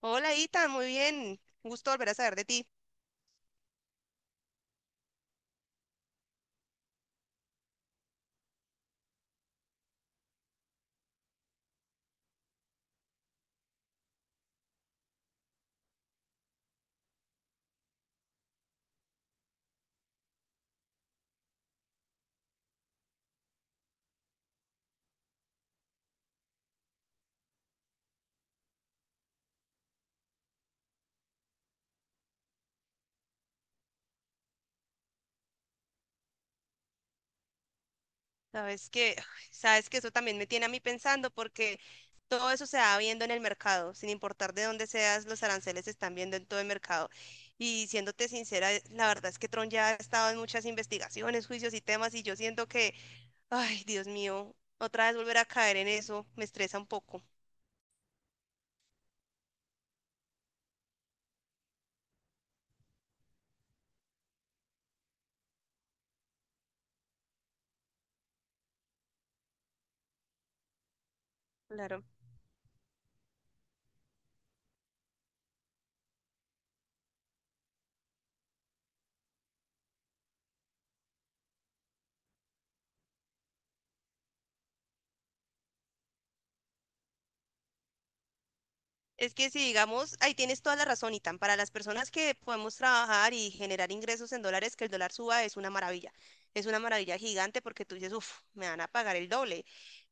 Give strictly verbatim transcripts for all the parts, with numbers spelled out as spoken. Hola, Ita, muy bien. Un gusto volver a saber de ti. Sabes que, ay, sabes que eso también me tiene a mí pensando porque todo eso se va viendo en el mercado, sin importar de dónde seas, los aranceles se están viendo en todo el mercado. Y siéndote sincera, eh, la verdad es que Tron ya ha estado en muchas investigaciones, juicios y temas y yo siento que, ay, Dios mío, otra vez volver a caer en eso me estresa un poco. Claro. Es que si digamos, ahí tienes toda la razón, Itan, para las personas que podemos trabajar y generar ingresos en dólares, que el dólar suba es una maravilla. Es una maravilla gigante porque tú dices, uff, me van a pagar el doble,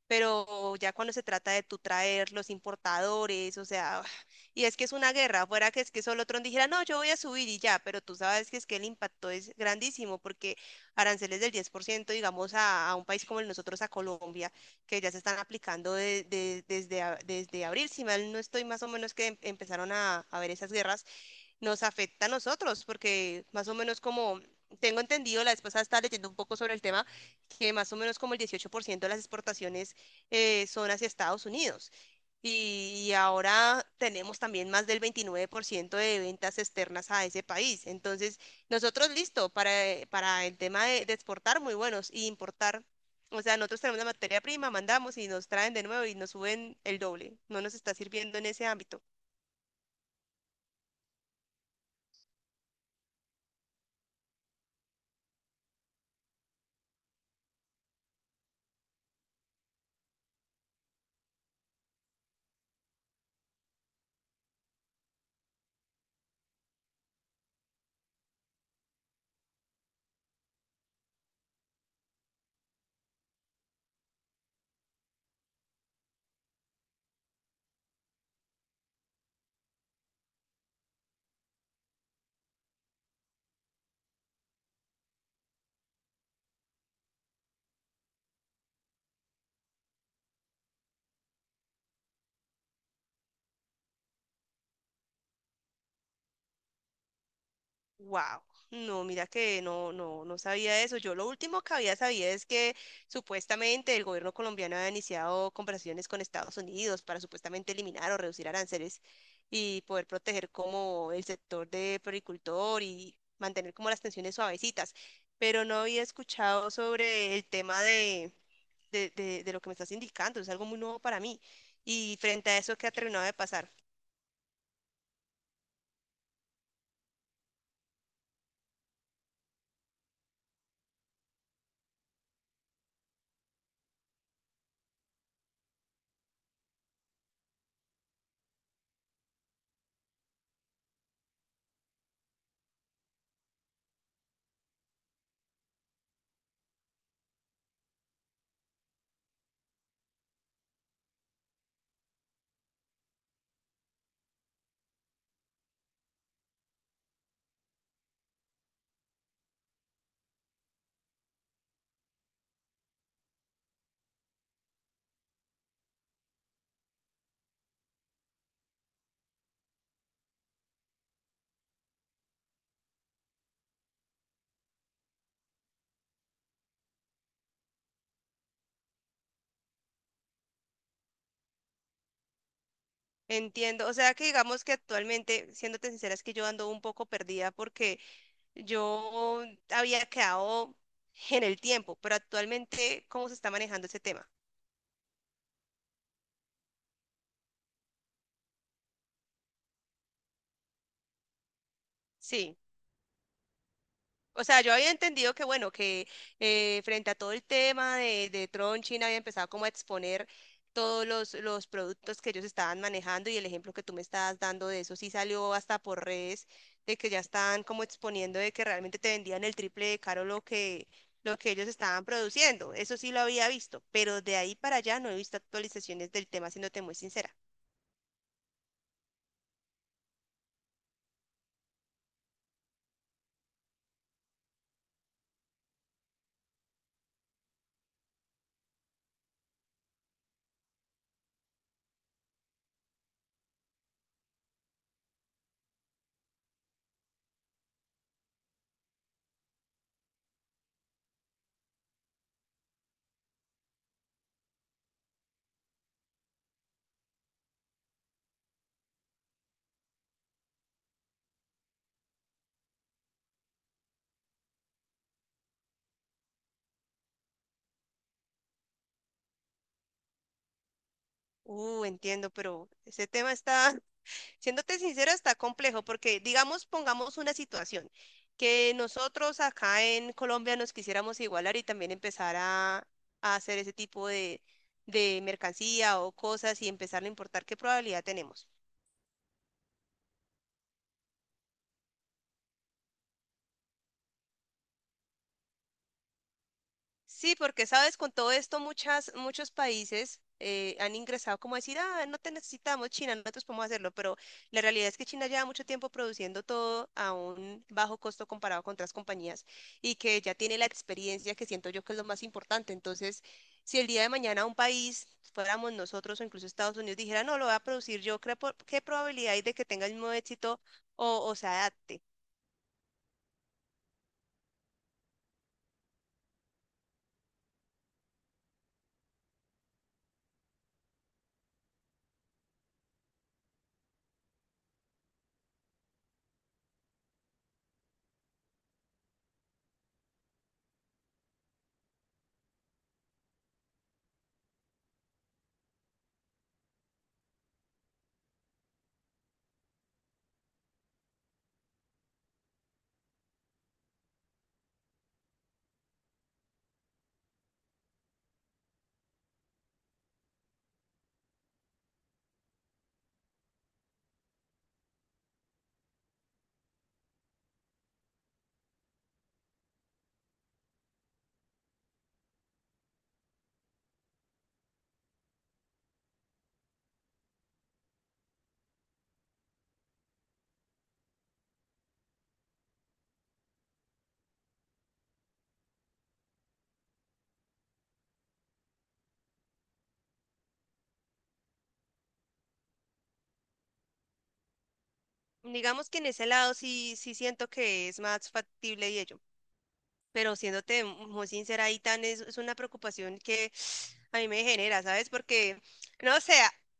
pero ya cuando se trata de tú traer los importadores, o sea, y es que es una guerra, fuera que es que solo Trump dijera, no, yo voy a subir y ya, pero tú sabes que es que el impacto es grandísimo porque aranceles del diez por ciento, digamos, a, a un país como el nosotros, a Colombia, que ya se están aplicando de- de- desde, a- desde abril, si mal no estoy, más o menos que em- empezaron a, a ver esas guerras, nos afecta a nosotros, porque más o menos como tengo entendido, la vez pasada estaba leyendo un poco sobre el tema, que más o menos como el dieciocho por ciento de las exportaciones eh, son hacia Estados Unidos. Y, y ahora tenemos también más del veintinueve por ciento de ventas externas a ese país. Entonces, nosotros listo para, eh, para el tema de, de exportar, muy buenos, y importar. O sea, nosotros tenemos la materia prima, mandamos y nos traen de nuevo y nos suben el doble. No nos está sirviendo en ese ámbito. Wow, no, mira que no, no, no sabía eso. Yo lo último que había sabido es que supuestamente el gobierno colombiano había iniciado conversaciones con Estados Unidos para supuestamente eliminar o reducir aranceles y poder proteger como el sector de floricultor y mantener como las tensiones suavecitas. Pero no había escuchado sobre el tema de, de, de, de lo que me estás indicando. Es algo muy nuevo para mí. Y frente a eso, ¿qué ha terminado de pasar? Entiendo, o sea que digamos que actualmente, siéndote sincera, es que yo ando un poco perdida porque yo había quedado en el tiempo, pero actualmente, ¿cómo se está manejando ese tema? Sí. O sea, yo había entendido que, bueno, que eh, frente a todo el tema de, de Tron, China había empezado como a exponer todos los, los productos que ellos estaban manejando y el ejemplo que tú me estabas dando de eso sí salió hasta por redes, de que ya estaban como exponiendo de que realmente te vendían el triple de caro lo que, lo que ellos estaban produciendo. Eso sí lo había visto, pero de ahí para allá no he visto actualizaciones del tema, siéndote muy sincera. Uh, entiendo, pero ese tema está, siéndote sincera, está complejo porque, digamos, pongamos una situación que nosotros acá en Colombia nos quisiéramos igualar y también empezar a, a hacer ese tipo de, de mercancía o cosas y empezar a importar, ¿qué probabilidad tenemos? Sí, porque sabes, con todo esto muchas, muchos países eh, han ingresado como a decir, ah, no te necesitamos China, no nosotros podemos hacerlo, pero la realidad es que China lleva mucho tiempo produciendo todo a un bajo costo comparado con otras compañías y que ya tiene la experiencia que siento yo que es lo más importante. Entonces, si el día de mañana un país, fuéramos nosotros o incluso Estados Unidos, dijera, no, lo voy a producir yo, ¿qué, po- qué probabilidad hay de que tenga el mismo éxito o, o se adapte? Digamos que en ese lado sí, sí siento que es más factible y ello. Pero siéndote muy sincera, ahí tan es, es una preocupación que a mí me genera, ¿sabes? Porque, no sé,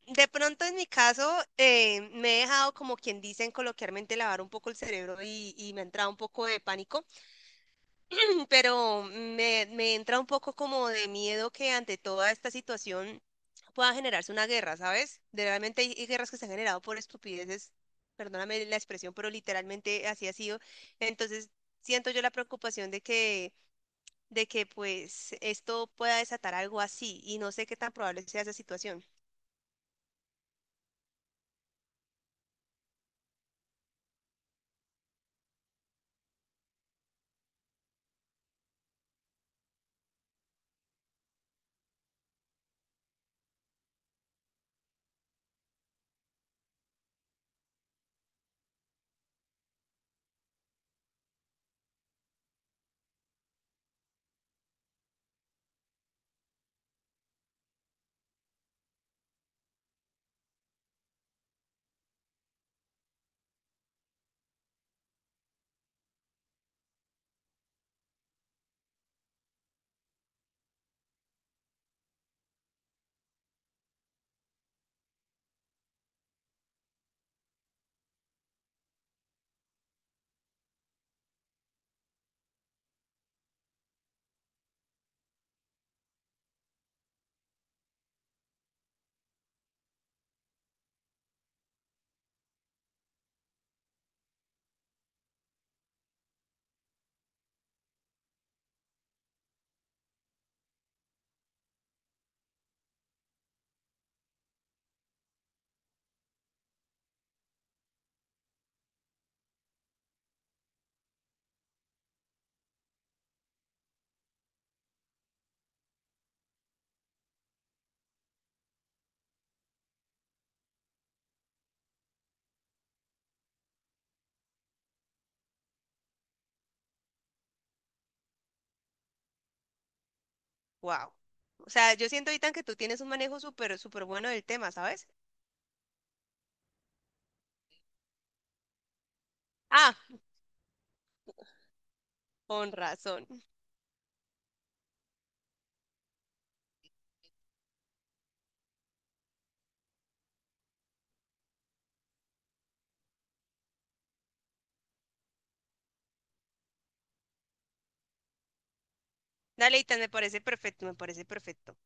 de pronto en mi caso eh, me he dejado, como quien dicen coloquialmente, lavar un poco el cerebro y, y me ha entrado un poco de pánico. Pero me, me entra un poco como de miedo que ante toda esta situación pueda generarse una guerra, ¿sabes? De- realmente hay hay guerras que se han generado por estupideces, perdóname la expresión, pero literalmente así ha sido. Entonces, siento yo la preocupación de que de que pues esto pueda desatar algo así y no sé qué tan probable sea esa situación. Wow. O sea, yo siento, Itan, que tú tienes un manejo súper, súper bueno del tema, ¿sabes? Ah, con razón. Dale, Itan, me parece perfecto, me parece perfecto.